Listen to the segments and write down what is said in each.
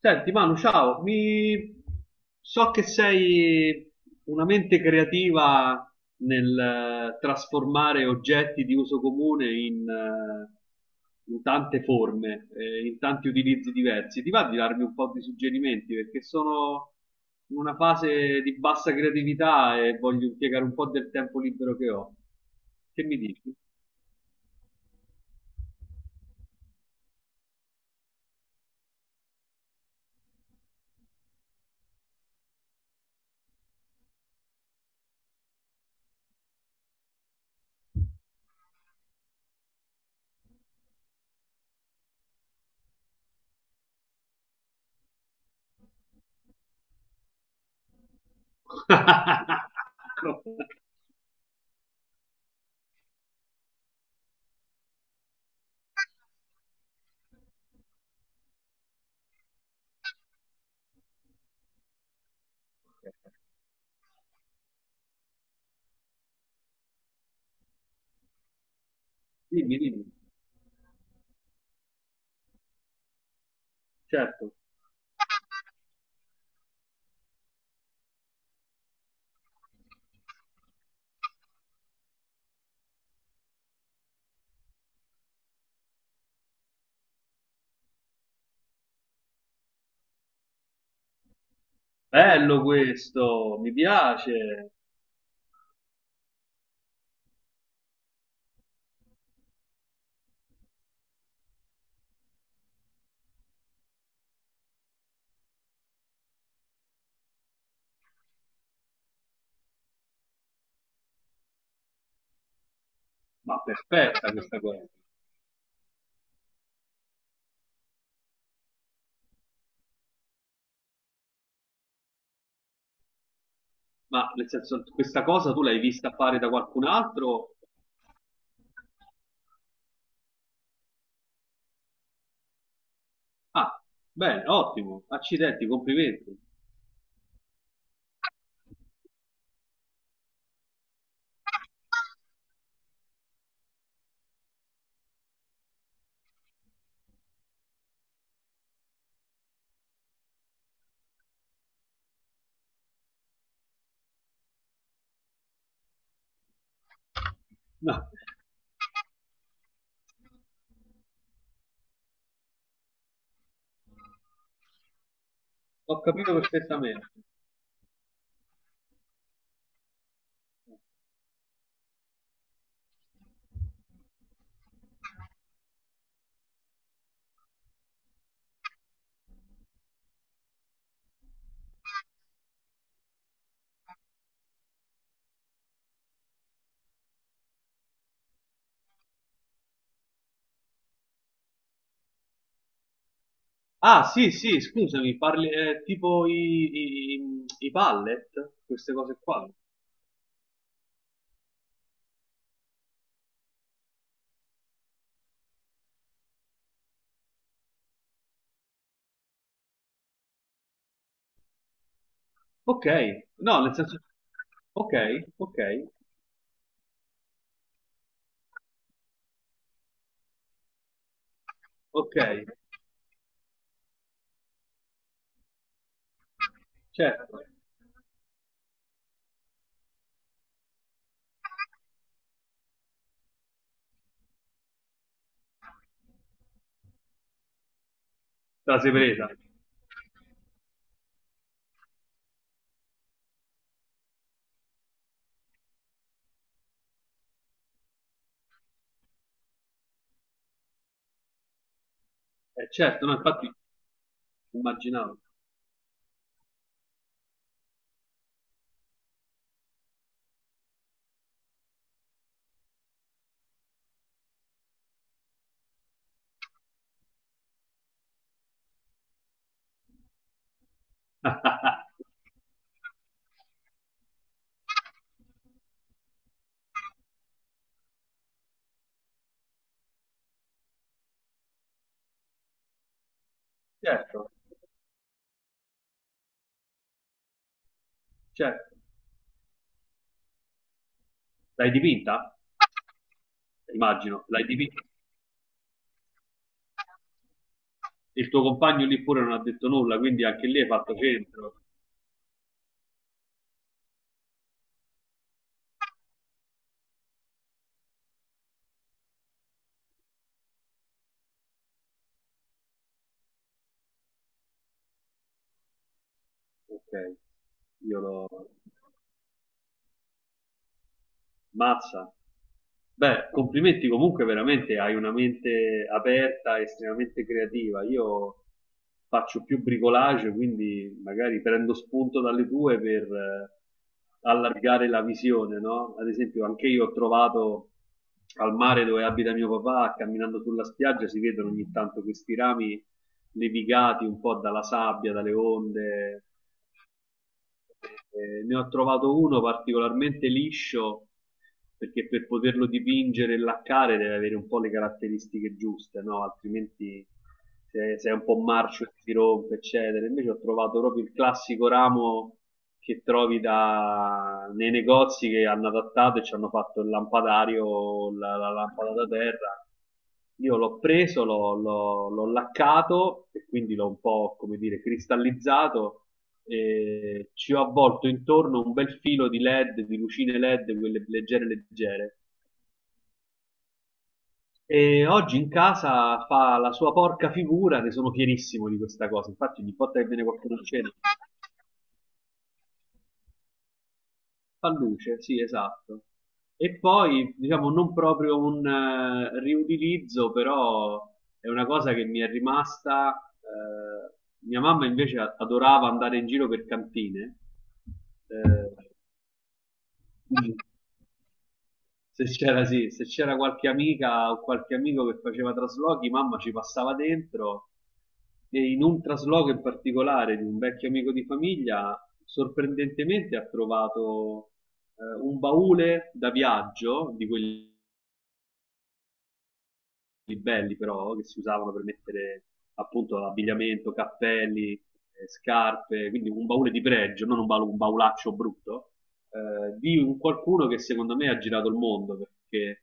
Senti, Manu, ciao, mi... so che sei una mente creativa nel trasformare oggetti di uso comune in, in tante forme, in tanti utilizzi diversi. Ti va di darmi un po' di suggerimenti? Perché sono in una fase di bassa creatività e voglio impiegare un po' del tempo libero che ho. Che mi dici? Dimmi, dimmi, certo. Bello questo, mi piace, ma perfetta questa cosa. Ma nel senso, questa cosa tu l'hai vista fare da qualcun altro? Ah, bene, ottimo, accidenti, complimenti. No, ho capito perfettamente. Ah, sì, sì, scusami, parli tipo i pallet, queste cose qua. Ok, no, nel senso, ok, ok, ok, certo, te la sei presa. Certo, no, infatti immaginavo. Certo. Certo, l'hai dipinta? Immagino, l'hai dipinta. Il tuo compagno lì pure non ha detto nulla, quindi anche lì hai fatto centro. Ok, io lo... Mazza. Beh, complimenti comunque veramente, hai una mente aperta, estremamente creativa. Io faccio più bricolage, quindi magari prendo spunto dalle tue per allargare la visione, no? Ad esempio, anche io ho trovato al mare dove abita mio papà, camminando sulla spiaggia, si vedono ogni tanto questi rami levigati un po' dalla sabbia, dalle onde. Ne ho trovato uno particolarmente liscio perché per poterlo dipingere e laccare deve avere un po' le caratteristiche giuste, no? Altrimenti se è un po' marcio si rompe, eccetera. Invece ho trovato proprio il classico ramo che trovi da- nei negozi che hanno adattato e ci hanno fatto il lampadario, la lampada da terra. Io l'ho preso, l'ho laccato e quindi l'ho un po', come dire, cristallizzato e ci ho avvolto intorno un bel filo di LED, di lucine LED, quelle leggere leggere. E oggi in casa fa la sua porca figura, ne sono fierissimo di questa cosa. Infatti, ogni volta che viene qualcuno a cena fa luce, sì, esatto. E poi, diciamo, non proprio un riutilizzo, però è una cosa che mi è rimasta. Mia mamma invece adorava andare in giro per cantine. eh, quindi se c'era, sì, se c'era qualche amica o qualche amico che faceva traslochi, mamma ci passava dentro e in un trasloco in particolare di un vecchio amico di famiglia, sorprendentemente ha trovato un baule da viaggio di quelli belli però che si usavano per mettere appunto abbigliamento, cappelli, scarpe, quindi un baule di pregio, non un, baul- un baulaccio brutto, di un qualcuno che secondo me ha girato il mondo perché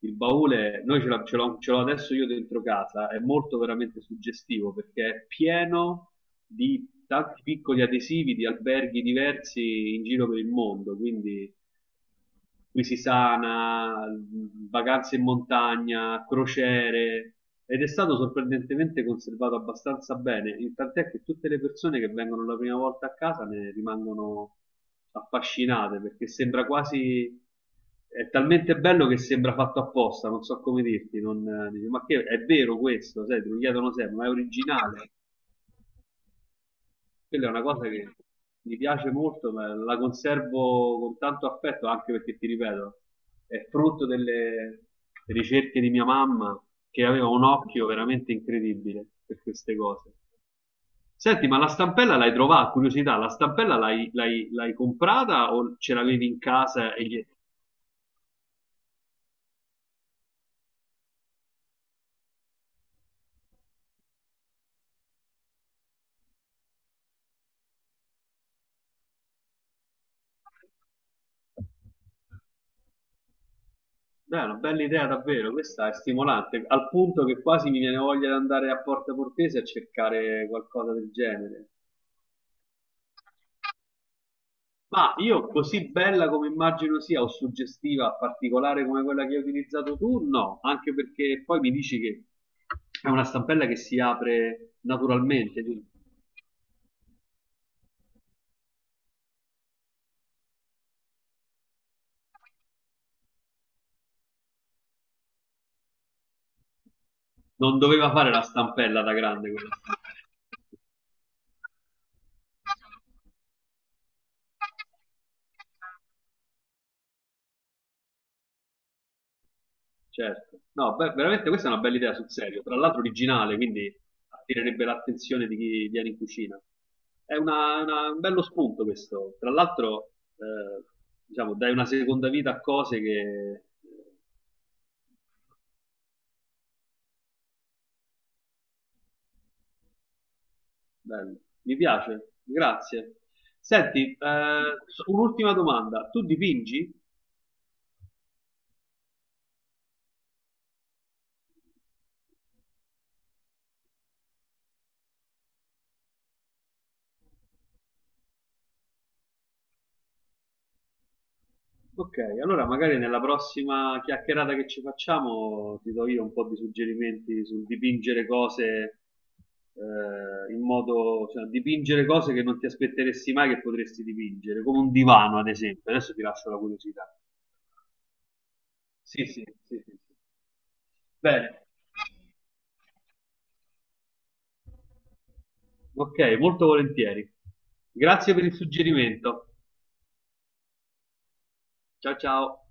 il baule, noi ce, l'ha- ce l'ho adesso io dentro casa, è molto veramente suggestivo perché è pieno di tanti piccoli adesivi di alberghi diversi in giro per il mondo, quindi Quisisana, vacanze in montagna, crociere ed è stato sorprendentemente conservato abbastanza bene, il- tant'è che tutte le persone che vengono la prima volta a casa ne rimangono affascinate perché sembra quasi è talmente bello che sembra fatto apposta, non so come dirti, non, dici, ma che è vero questo, sai, te lo chiedono sempre, ma è originale. Quella è una cosa che mi piace molto, ma la conservo con tanto affetto anche perché, ti ripeto, è frutto delle ricerche di mia mamma che aveva un occhio veramente incredibile per queste cose. Senti, ma la stampella l'hai trovata? Curiosità, la stampella l'hai comprata o ce l'avevi in casa? E gli... Beh, è una bella idea davvero, questa è stimolante, al punto che quasi mi viene voglia di andare a Porta Portese a cercare qualcosa del genere. Ma io così bella come immagino sia o suggestiva, particolare come quella che hai utilizzato tu, no, anche perché poi mi dici che è una stampella che si apre naturalmente, quindi non doveva fare la stampella da grande quella stampella. Certo. No, beh, veramente questa è una bella idea sul serio, tra l'altro originale, quindi attirerebbe l'attenzione di chi viene in cucina. È un bello spunto questo. Tra l'altro, eh, diciamo, dai una seconda vita a cose che eh, Bello, mi piace, grazie. Senti, so- un'ultima domanda. Tu dipingi? Ok, allora magari nella prossima chiacchierata che ci facciamo ti do io un po' di suggerimenti sul dipingere cose in modo, cioè dipingere cose che non ti aspetteresti mai che potresti dipingere, come un divano ad esempio. Adesso ti lascio la curiosità. Sì, sì, sì, sì. Sì. Bene. Ok, molto volentieri. Grazie per il suggerimento. Ciao ciao.